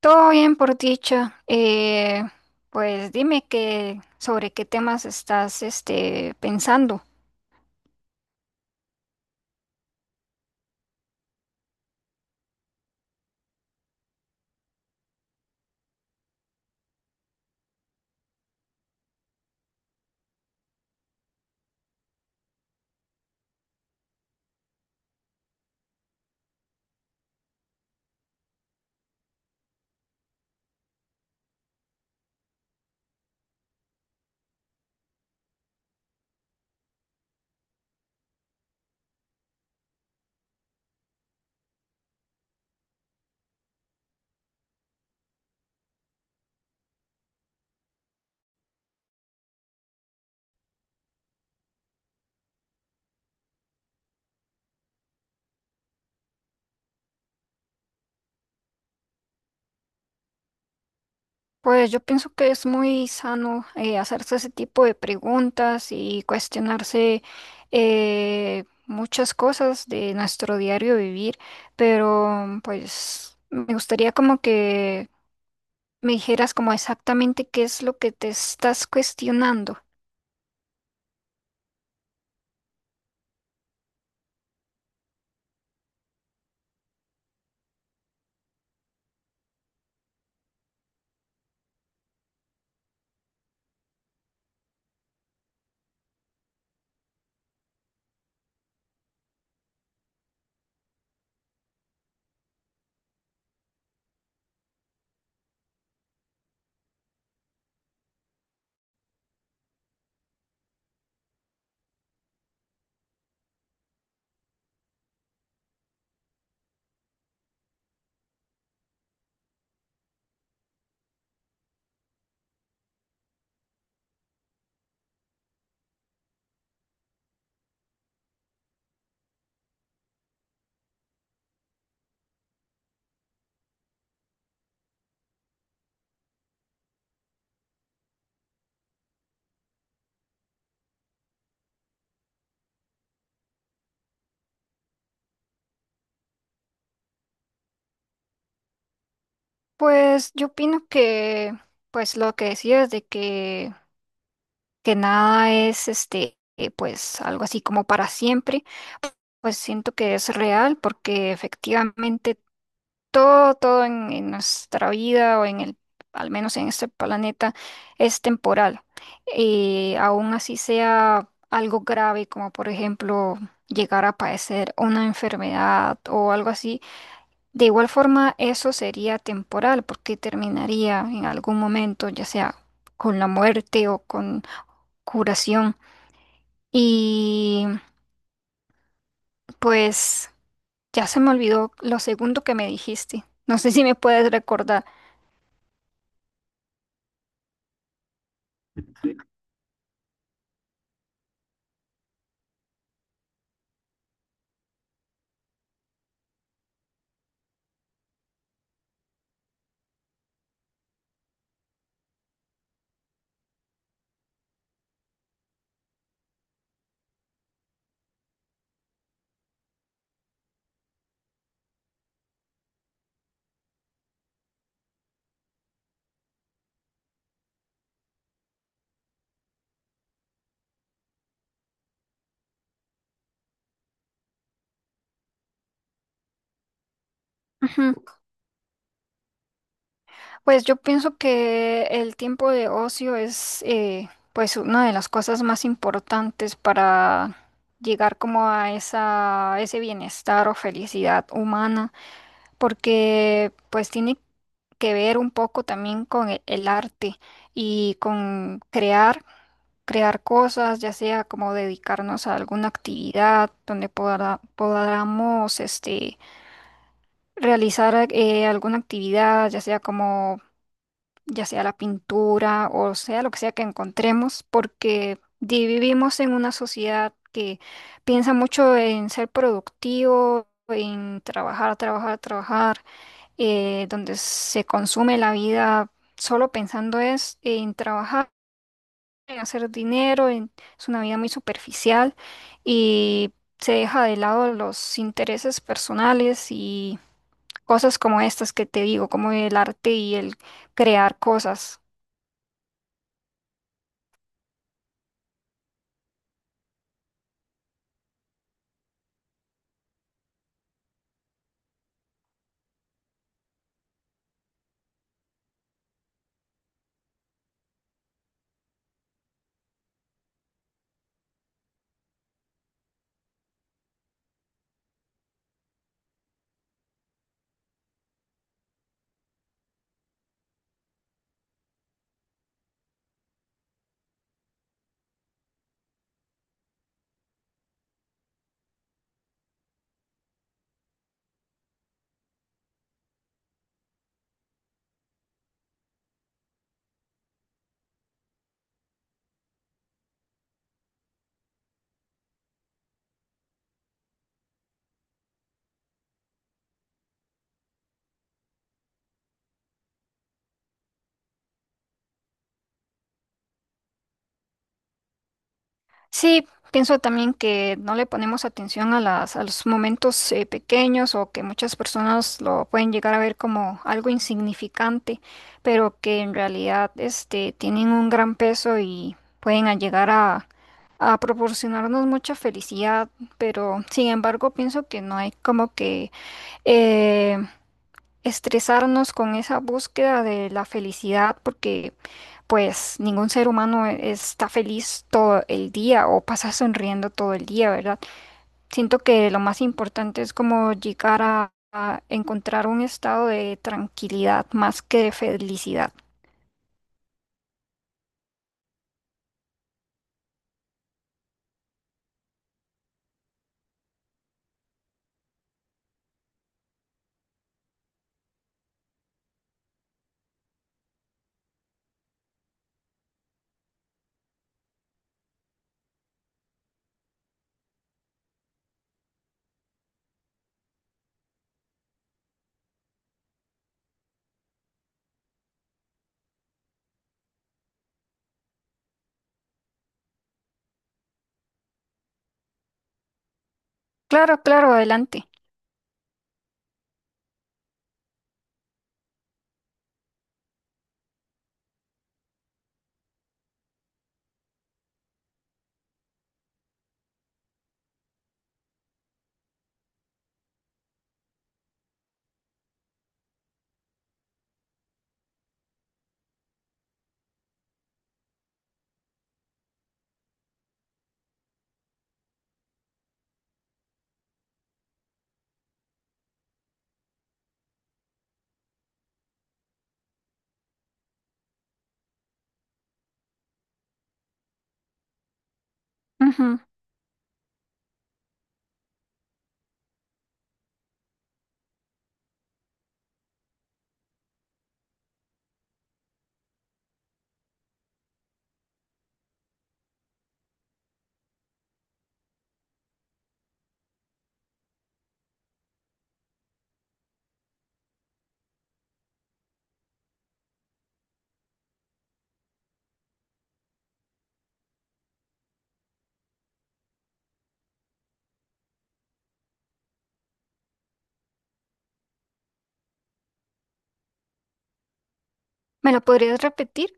Todo bien por dicha. Pues dime que sobre qué temas estás pensando. Pues yo pienso que es muy sano hacerse ese tipo de preguntas y cuestionarse muchas cosas de nuestro diario vivir, pero pues me gustaría como que me dijeras como exactamente qué es lo que te estás cuestionando. Pues yo opino que pues lo que decías de que nada es pues algo así como para siempre, pues siento que es real porque efectivamente todo en nuestra vida o en el, al menos en este planeta, es temporal. Aún así sea algo grave como por ejemplo llegar a padecer una enfermedad o algo así, de igual forma eso sería temporal porque terminaría en algún momento, ya sea con la muerte o con curación. Y pues ya se me olvidó lo segundo que me dijiste. No sé si me puedes recordar. Ujú. Pues yo pienso que el tiempo de ocio es pues una de las cosas más importantes para llegar como a esa, ese bienestar o felicidad humana, porque pues tiene que ver un poco también con el arte y con crear. Crear cosas, ya sea como dedicarnos a alguna actividad donde podamos realizar alguna actividad, ya sea como, ya sea la pintura o sea lo que sea que encontremos, porque vivimos en una sociedad que piensa mucho en ser productivo, en trabajar, trabajar, trabajar, donde se consume la vida solo pensando es en trabajar, en hacer dinero. En, es una vida muy superficial y se deja de lado los intereses personales y cosas como estas que te digo, como el arte y el crear cosas. Sí, pienso también que no le ponemos atención a a los momentos pequeños o que muchas personas lo pueden llegar a ver como algo insignificante, pero que en realidad tienen un gran peso y pueden a llegar a proporcionarnos mucha felicidad, pero sin embargo pienso que no hay como que eh, estresarnos con esa búsqueda de la felicidad, porque pues ningún ser humano está feliz todo el día o pasa sonriendo todo el día, ¿verdad? Siento que lo más importante es como llegar a encontrar un estado de tranquilidad más que de felicidad. Claro, claro, adelante. Ujú. ¿Me lo podrías repetir?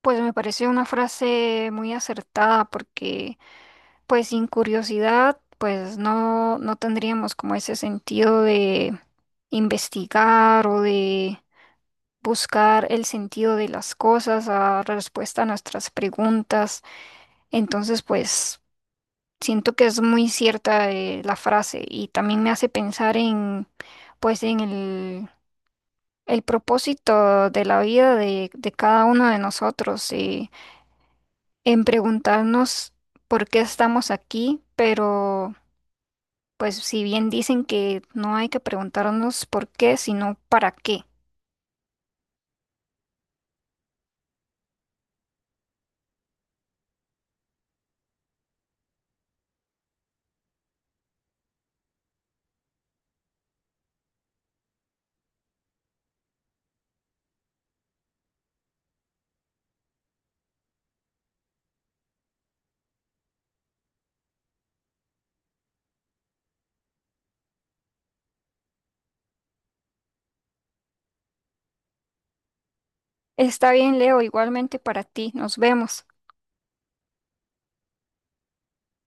Pues me parece una frase muy acertada porque pues sin curiosidad pues no, no tendríamos como ese sentido de investigar o de buscar el sentido de las cosas a respuesta a nuestras preguntas. Entonces pues siento que es muy cierta la frase y también me hace pensar en pues en el propósito de la vida de cada uno de nosotros. En preguntarnos por qué estamos aquí, pero pues si bien dicen que no hay que preguntarnos por qué, sino para qué. Está bien, Leo, igualmente para ti. Nos vemos.